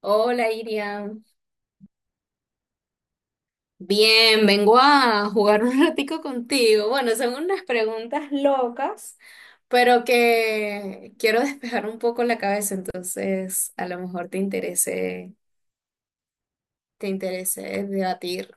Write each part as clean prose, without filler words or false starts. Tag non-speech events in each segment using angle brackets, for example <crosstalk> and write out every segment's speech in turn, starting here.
Hola, Iriam. Bien, vengo a jugar un <laughs> ratico contigo. Bueno, son unas preguntas locas, pero que quiero despejar un poco la cabeza, entonces a lo mejor te interese debatir.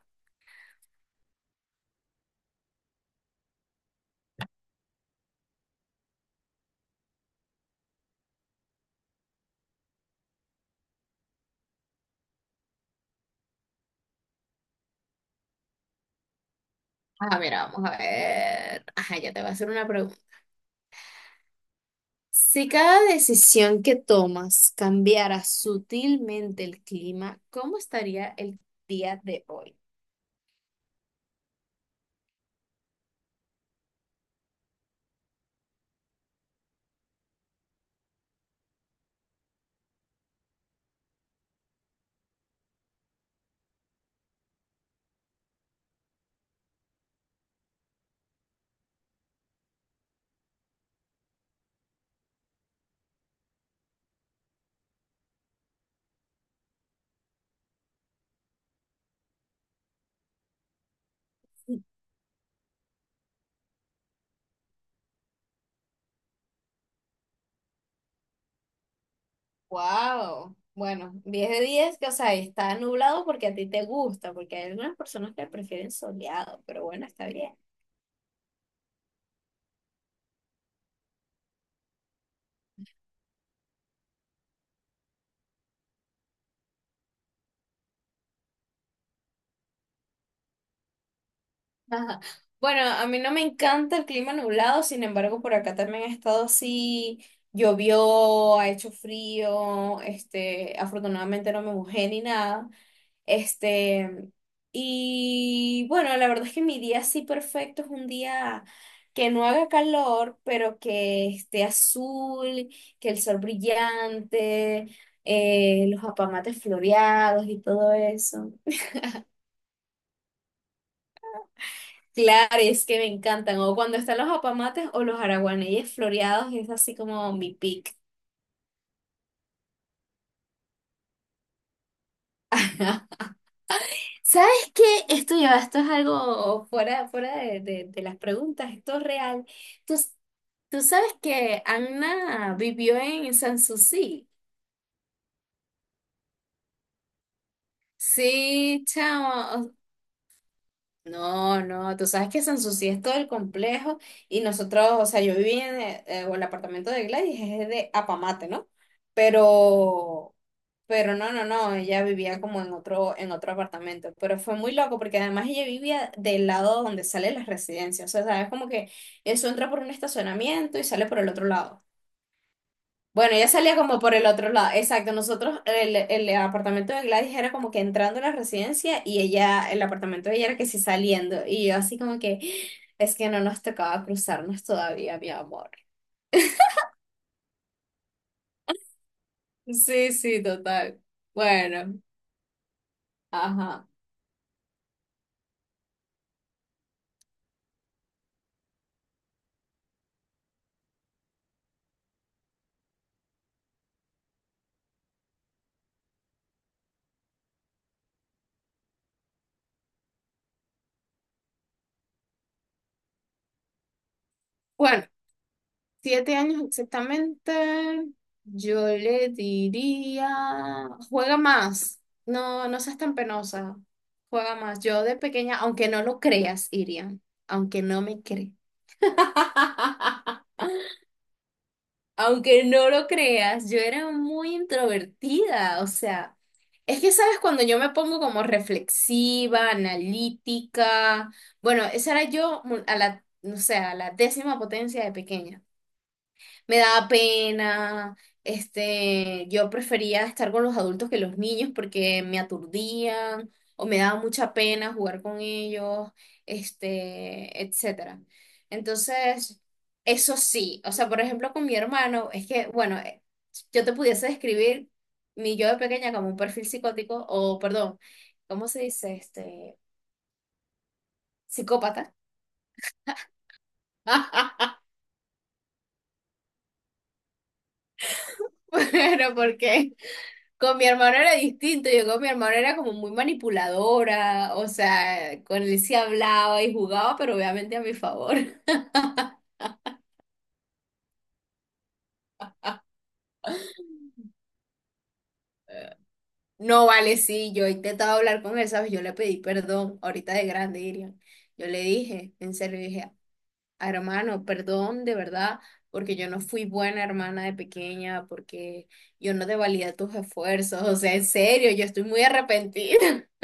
Ah, mira, vamos a ver. Ajá, ya te voy a hacer una pregunta. Si cada decisión que tomas cambiara sutilmente el clima, ¿cómo estaría el día de hoy? Wow. Bueno, 10 de 10 que o sea, está nublado porque a ti te gusta, porque hay algunas personas que prefieren soleado, pero bueno, está bien. Ajá. Bueno, a mí no me encanta el clima nublado, sin embargo, por acá también ha estado así, llovió, ha hecho frío, afortunadamente no me mojé ni nada. Este, y bueno, la verdad es que mi día así perfecto es un día que no haga calor, pero que esté azul, que el sol brillante, los apamates floreados y todo eso. Claro, y es que me encantan. O cuando están los apamates o los araguaneyes floreados, es así como mi pick. <laughs> ¿Sabes qué? Esto ya, esto es algo fuera de las preguntas, esto es real. ¿Tú, tú sabes que Anna vivió en Sanssouci? Sí, chamo. o- No, no, tú sabes que Sanssouci es todo el complejo y nosotros, o sea, yo viví en o el apartamento de Gladys, es de Apamate, ¿no? Pero Pero no, no, no, ella vivía como en otro apartamento, pero fue muy loco porque además ella vivía del lado donde salen las residencias, o sea, sabes como que eso entra por un estacionamiento y sale por el otro lado. Bueno, ella salía como por el otro lado, exacto, nosotros, el apartamento de Gladys era como que entrando a la residencia y ella, el apartamento de ella era que sí saliendo, y yo así como que, es que no nos tocaba cruzarnos todavía, mi amor. Sí, sí, total. Bueno, ajá. Bueno, 7 años exactamente, yo le diría, juega más, no, no seas tan penosa, juega más. Yo de pequeña, aunque no lo creas, Irian, aunque no me creas. <laughs> Aunque no lo creas, yo era muy introvertida, o sea, es que sabes cuando yo me pongo como reflexiva, analítica, bueno, esa era yo a la, no sé, a la décima potencia de pequeña me daba pena, yo prefería estar con los adultos que los niños porque me aturdían o me daba mucha pena jugar con ellos, etcétera. Entonces, eso sí, o sea, por ejemplo, con mi hermano, es que, bueno, yo te pudiese describir mi yo de pequeña como un perfil psicótico o, perdón, ¿cómo se dice? Psicópata. <laughs> Pero, ¿por qué? Con mi hermano era distinto, yo con mi hermano era como muy manipuladora, o sea, con él sí hablaba y jugaba, pero obviamente a mi favor. <laughs> No vale, sí, yo he intentado hablar con él, ¿sabes? Yo le pedí perdón, ahorita de grande, Irian. Yo le dije, en serio, dije, hermano, perdón de verdad, porque yo no fui buena hermana de pequeña, porque yo no te valía tus esfuerzos, o sea, en serio, yo estoy muy arrepentida. <laughs>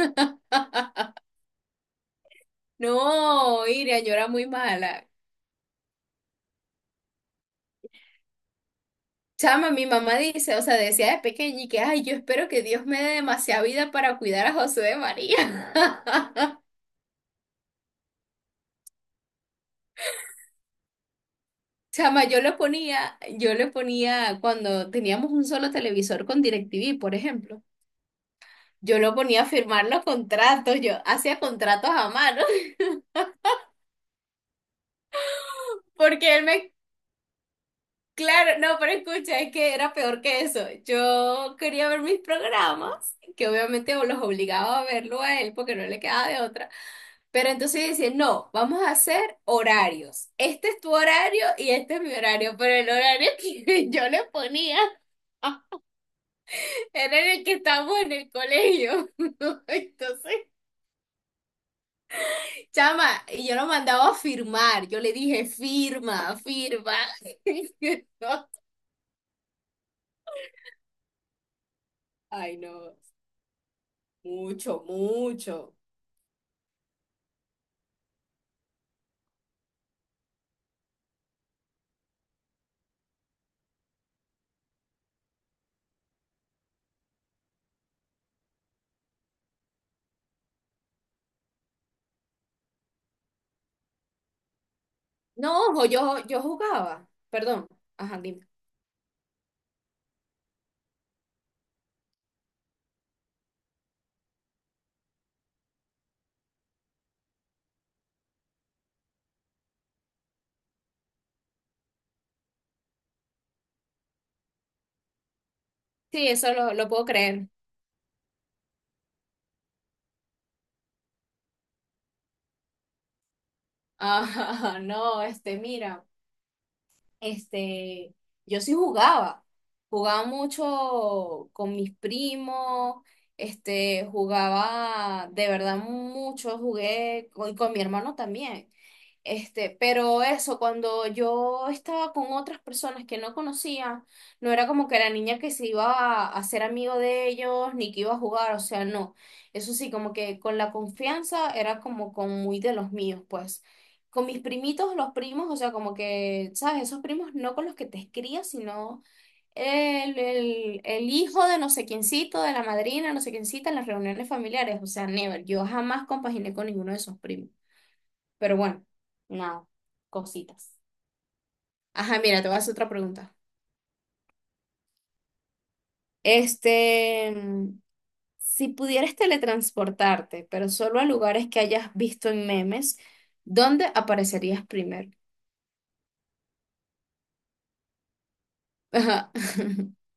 No, Irian, yo era muy mala. Chama, mi mamá dice, o sea, decía de pequeña y que, ay, yo espero que Dios me dé demasiada vida para cuidar a José de María. <laughs> Chama, yo lo ponía, yo le ponía cuando teníamos un solo televisor con DirecTV, por ejemplo, yo lo ponía a firmar los contratos, yo hacía contratos a mano, <laughs> porque él me Claro, no, pero escucha, es que era peor que eso. Yo quería ver mis programas, que obviamente los obligaba a verlo a él porque no le quedaba de otra. Pero entonces dice, no, vamos a hacer horarios. Este es tu horario y este es mi horario, pero el horario que <laughs> yo le ponía <laughs> era en el que estábamos en el colegio. <laughs> Entonces, chama, y yo lo mandaba a firmar. Yo le dije, firma, firma. <laughs> Ay, no, mucho, mucho. No, ojo, yo jugaba. Perdón. Ajá, dime. Sí, eso lo puedo creer. Ajá, <laughs> no, mira, este, yo sí jugaba. Jugaba mucho con mis primos, jugaba de verdad mucho, jugué con mi hermano también. Pero eso, cuando yo estaba con otras personas que no conocía, no era como que la niña que se iba a hacer amigo de ellos, ni que iba a jugar, o sea, no. Eso sí, como que con la confianza era como con muy de los míos, pues. Con mis primitos, los primos, o sea, como que, ¿sabes? Esos primos no con los que te crías, sino el hijo de no sé quiéncito, de la madrina, no sé quiéncita, en las reuniones familiares, o sea, never. Yo jamás compaginé con ninguno de esos primos. Pero bueno, nada, cositas. Ajá, mira, te voy a hacer otra pregunta. Este, mm, si pudieras teletransportarte, pero solo a lugares que hayas visto en memes, ¿dónde aparecerías primero? Ajá. <laughs>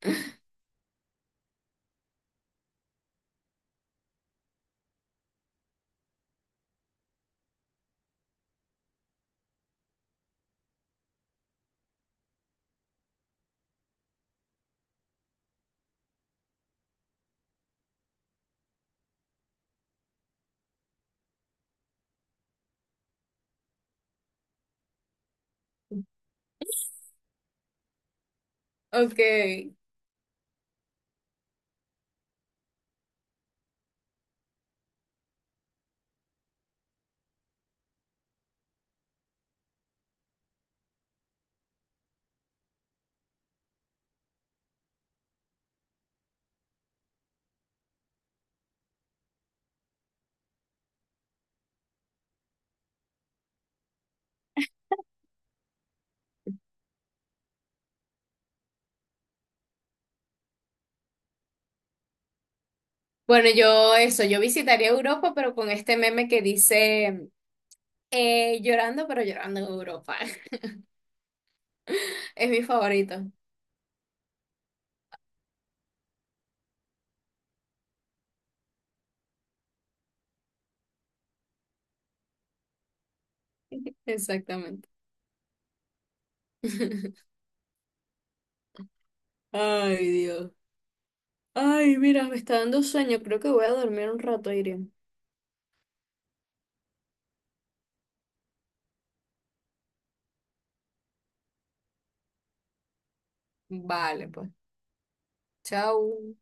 Ok. Bueno, yo eso, yo visitaría Europa, pero con este meme que dice llorando, pero llorando en Europa. <laughs> Es mi favorito. <laughs> Exactamente. <laughs> Ay, Dios. Ay, mira, me está dando sueño. Creo que voy a dormir un rato, Irene. Vale, pues. Chao.